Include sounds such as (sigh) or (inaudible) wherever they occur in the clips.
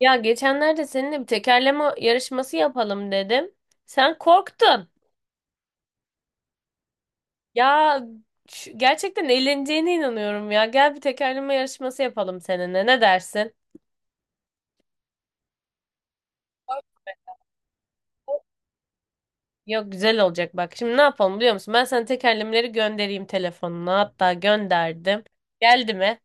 Ya geçenlerde seninle bir tekerleme yarışması yapalım dedim. Sen korktun. Ya gerçekten eğleneceğine inanıyorum ya. Gel bir tekerleme yarışması yapalım seninle. Ne dersin? Yok güzel olacak bak. Şimdi ne yapalım biliyor musun? Ben sana tekerlemeleri göndereyim telefonuna. Hatta gönderdim. Geldi mi?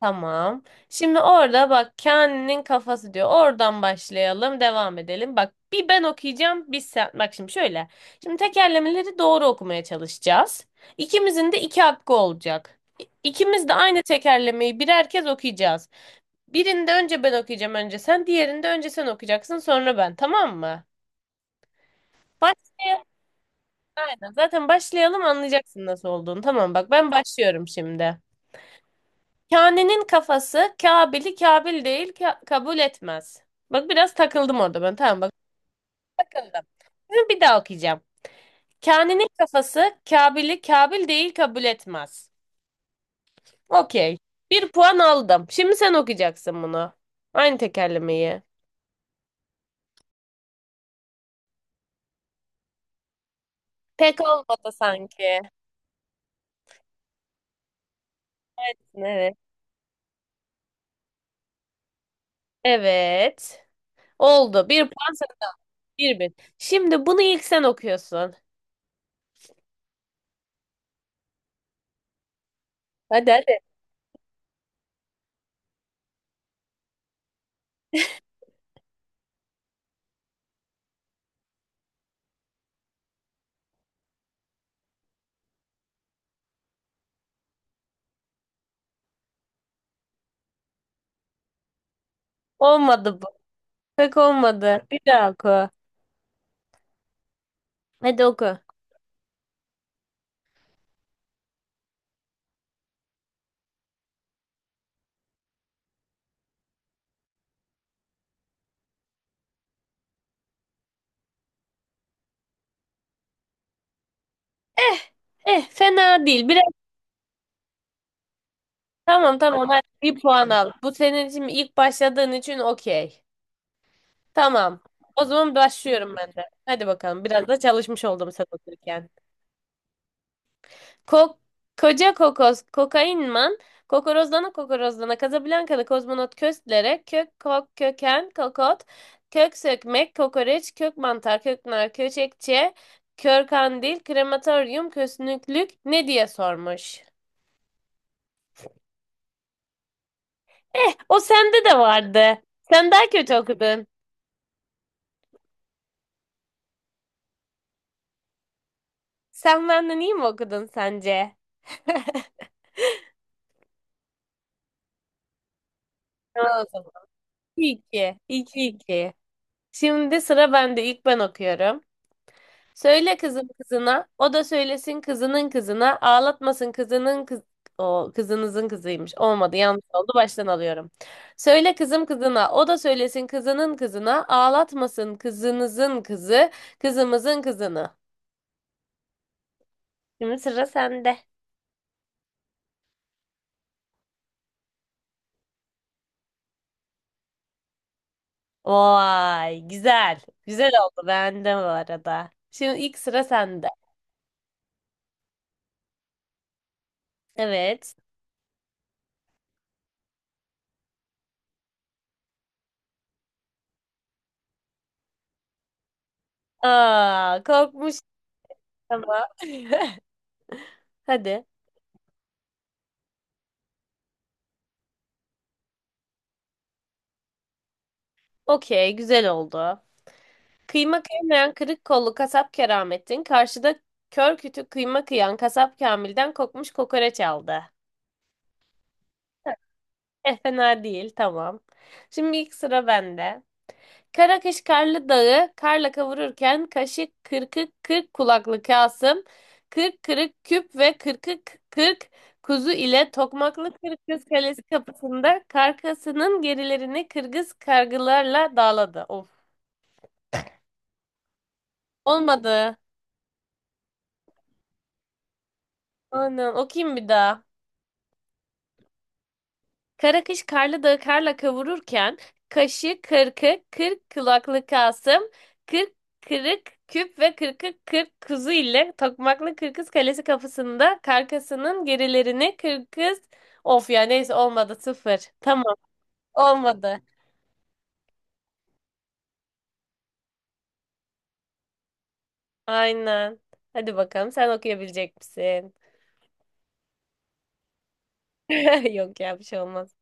Tamam. Şimdi orada bak Kaan'ın kafası diyor. Oradan başlayalım, devam edelim. Bak bir ben okuyacağım, bir sen. Bak şimdi şöyle. Şimdi tekerlemeleri doğru okumaya çalışacağız. İkimizin de iki hakkı olacak. İkimiz de aynı tekerlemeyi birer kez okuyacağız. Birinde önce ben okuyacağım, önce sen. Diğerinde önce sen okuyacaksın, sonra ben. Tamam mı? Baş, aynen. Zaten başlayalım anlayacaksın nasıl olduğunu. Tamam bak ben başlıyorum şimdi. Kane'nin kafası Kabil'i Kabil değil kabul etmez. Bak biraz takıldım orada ben. Tamam bak takıldım. Şimdi bir daha okuyacağım. Kane'nin kafası Kabil'i Kabil değil kabul etmez. Okey. Bir puan aldım. Şimdi sen okuyacaksın bunu. Aynı tekerlemeyi. Pek olmadı sanki. Evet. Evet. Oldu. Bir puan sana. Bir bin. Şimdi bunu ilk sen okuyorsun. Hadi hadi. Olmadı bu. Pek olmadı. Bir daha oku. Hadi oku. Eh eh fena değil. Biraz tamam hadi bir puan al. Bu senin için ilk başladığın için okey. Tamam. O zaman başlıyorum ben de. Hadi bakalım. Biraz da çalışmış oldum sen okurken. Ko koca kokos kokainman kokorozlana kokorozlana Casablancalı kozmonot köstlere kök kok köken kokot kök sökmek kokoreç kök mantar köknar köçekçe kör kandil krematoryum kösnüklük ne diye sormuş. Eh, o sende de vardı. Sen daha kötü okudun. Sen benden iyi mi okudun sence? (laughs) Tamam o zaman. İki, iki, iki. Şimdi sıra bende. İlk ben okuyorum. Söyle kızım kızına, o da söylesin kızının kızına, ağlatmasın kızının kız... O kızınızın kızıymış. Olmadı, yanlış oldu. Baştan alıyorum. Söyle kızım kızına, o da söylesin kızının kızına, ağlatmasın kızınızın kızı, kızımızın kızını. Şimdi sıra sende. Vay güzel. Güzel (laughs) oldu beğendim bu arada. Şimdi ilk sıra sende. Evet. Aa, korkmuş ama. (laughs) Hadi. Okey, güzel oldu. Kıyma kıymayan kırık kollu kasap Keramettin karşıda kör kütük kıyma kıyan kasap Kamil'den kokmuş kokoreç aldı. Eh fena değil, tamam. Şimdi ilk sıra bende. Karakış Karlı Dağı karla kavururken kaşık kırkık kırk kulaklı Kasım, kırk kırık küp ve kırkık kırk kuzu ile Tokmaklı Kırkız Kalesi kapısında karkasının gerilerini kırgız kargılarla dağladı. Of. Olmadı. Aynen. Okuyayım bir daha. Kara kış karlı dağı karla kavururken, kaşı, kırkı, kırk kulaklı Kasım, kırk kırık küp ve kırkı kırk kuzu ile Tokmaklı Kırkız Kalesi kapısında karkasının gerilerini kırkız... Of ya neyse olmadı sıfır. Tamam olmadı. Aynen. Hadi bakalım sen okuyabilecek misin? (laughs) Yok ya bir şey olmaz.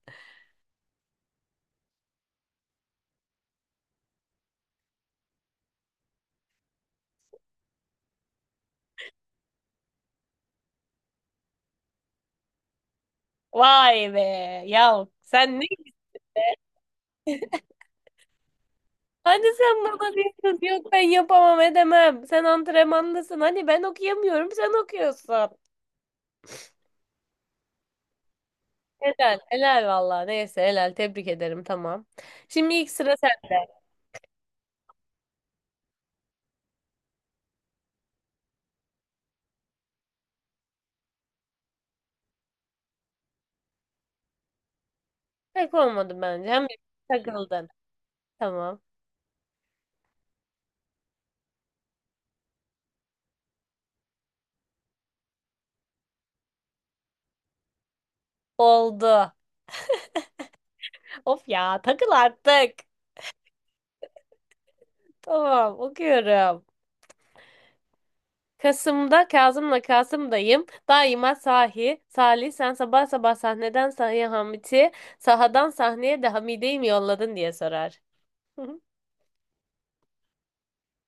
Vay be. Ya sen ne Hadi sen bana diyorsun yok ben yapamam edemem. Sen antrenmandasın. Hani ben okuyamıyorum sen okuyorsun. Helal. Helal valla. Neyse helal. Tebrik ederim. Tamam. Şimdi ilk sıra sende. Pek olmadı bence. Hem de takıldın. Tamam. Oldu. Of ya takıl artık. Tamam okuyorum. Kasım'da Kazım'la Kasım'dayım. Daima sahi. Salih sen sabah sabah sahneden sahaya Hamit'i, sahadan sahneye de Hamide'yi mi yolladın diye sorar. (laughs)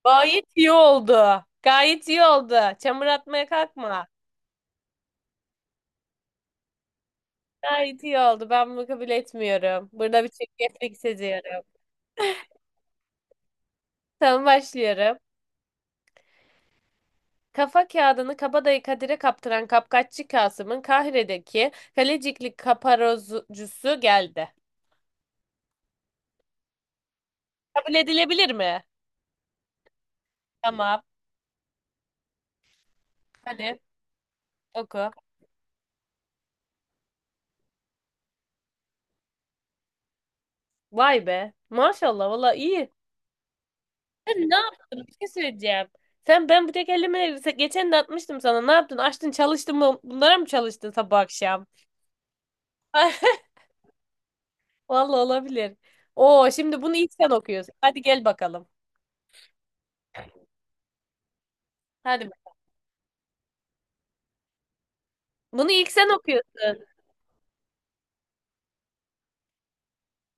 Gayet iyi oldu. Gayet iyi oldu. Çamur atmaya kalkma. Gayet iyi oldu. Ben bunu kabul etmiyorum. Burada bir çirkeflik seziyorum. Tamam başlıyorum. Kafa kağıdını kabadayı Kadir'e kaptıran kapkaççı Kasım'ın Kahire'deki kalecikli kaparozcusu geldi. Kabul edilebilir mi? Tamam. Hadi oku. Vay be. Maşallah valla iyi. Sen ne yaptın? Bir şey söyleyeceğim. Sen ben bu tek elime geçen de atmıştım sana. Ne yaptın? Açtın çalıştın mı? Bunlara mı çalıştın sabah akşam? (laughs) Vallahi olabilir. Oo şimdi bunu ilk sen okuyorsun. Hadi gel bakalım. Hadi. Bunu ilk sen okuyorsun.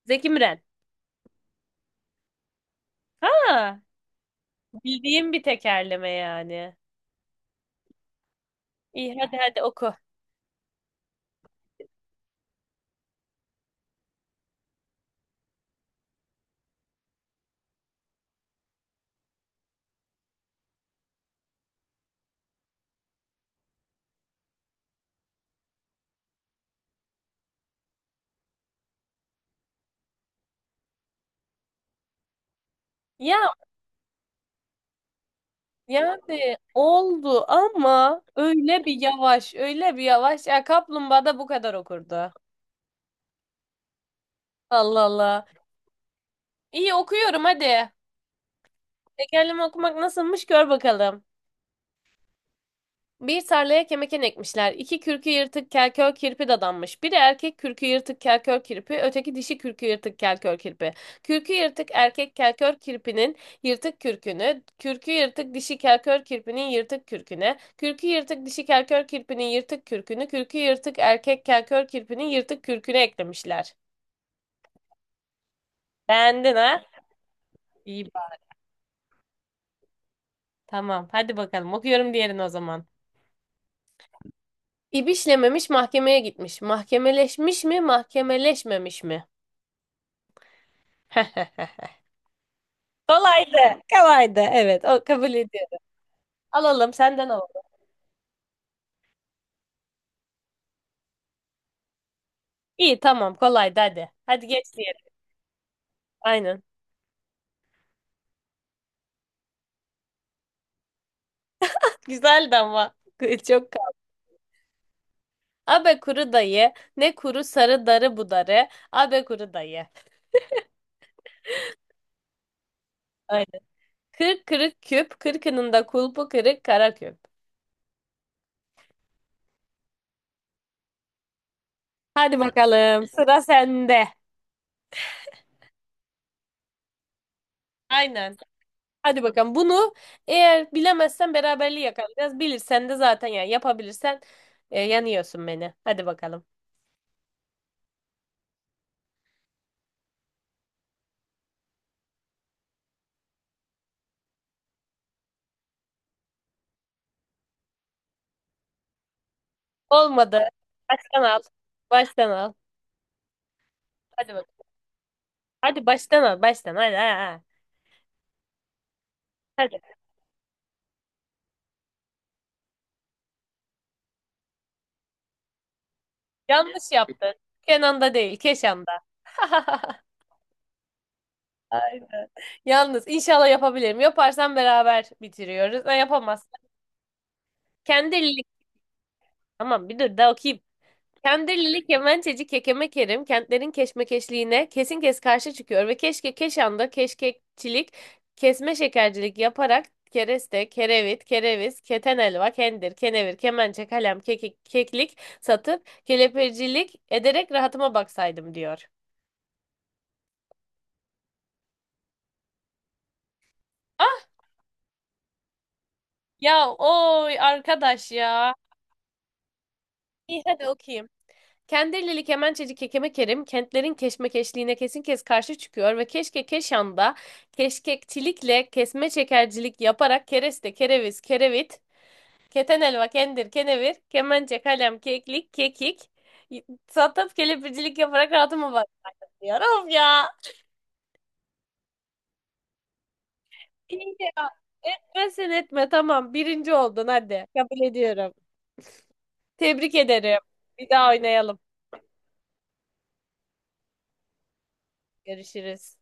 Zeki Müren. Ha, bildiğim bir tekerleme yani. İyi hadi hadi oku. Ya Yani oldu ama öyle bir yavaş, öyle bir yavaş. Ya kaplumbağa da bu kadar okurdu. Allah Allah. İyi okuyorum hadi. Tekerleme okumak nasılmış gör bakalım. Bir tarlaya kemeken ekmişler. İki kürkü yırtık kelkör kirpi dadanmış. Biri erkek kürkü yırtık kelkör kirpi, öteki dişi kürkü yırtık kelkör kirpi. Kürkü yırtık erkek kelkör kirpinin yırtık kürkünü, kürkü yırtık dişi kelkör kirpinin yırtık kürküne, kürkü yırtık dişi kelkör kirpinin yırtık kürkünü, kürkü yırtık erkek kelkör kirpinin yırtık kürküne eklemişler. Beğendin ha? İyi bak. Tamam. Hadi bakalım. Okuyorum diğerini o zaman. İbişlememiş mahkemeye gitmiş. Mahkemeleşmiş mi, mahkemeleşmemiş mi? (laughs) Kolaydı. Kolaydı. Evet. O kabul ediyorum. Alalım. Senden alalım. İyi tamam. Kolaydı hadi. Hadi geç diyelim. Aynen. (laughs) Güzeldi ama. (laughs) Çok kaldı. Abe kuru dayı. Ne kuru sarı darı budarı. Abe kuru dayı. Aynen. Kırk kırık küp. Kırkının da kulpu kırık kara küp. Hadi bakalım. Sıra sende. Aynen. Hadi bakalım. Bunu eğer bilemezsen beraberliği yakalayacağız. Bilirsen de zaten yani yapabilirsen yanıyorsun beni. Hadi bakalım. Olmadı. Baştan al. Baştan al. Hadi bak. Hadi baştan al. Baştan. Hadi. Ha, ha. Hadi. Yanlış yaptın. Kenan'da değil. Keşan'da. (laughs) Aynen. Yalnız inşallah yapabilirim. Yaparsam beraber bitiriyoruz. Ha, yapamazsan. Kendi elini. Tamam bir dur daha okuyayım. Kendirlili kemençeci Kekeme Kerim kentlerin keşmekeşliğine kesin kes karşı çıkıyor ve keşke Keşan'da keşkekçilik, kesme şekercilik yaparak kereste, kerevit, kereviz, keten elva, kendir, kenevir, kemençe, kalem, kekik, keklik satıp kelepircilik ederek rahatıma baksaydım diyor. Ah ya oy arkadaş ya. İyi hadi okuyayım. Kendirlili Kemençeci Kekeme Kerim kentlerin keşmekeşliğine kesin kes karşı çıkıyor ve keşke Keşan'da keşkekçilikle kesme çekercilik yaparak kereste, kereviz, kerevit, keten elva, kendir, kenevir, kemençe, kalem, keklik, kekik, satıp kelepircilik yaparak rahatıma bak diyor. Of ya. İyi ya. Etme sen etme tamam birinci oldun hadi. Kabul ediyorum. Tebrik ederim. Bir daha oynayalım. Görüşürüz.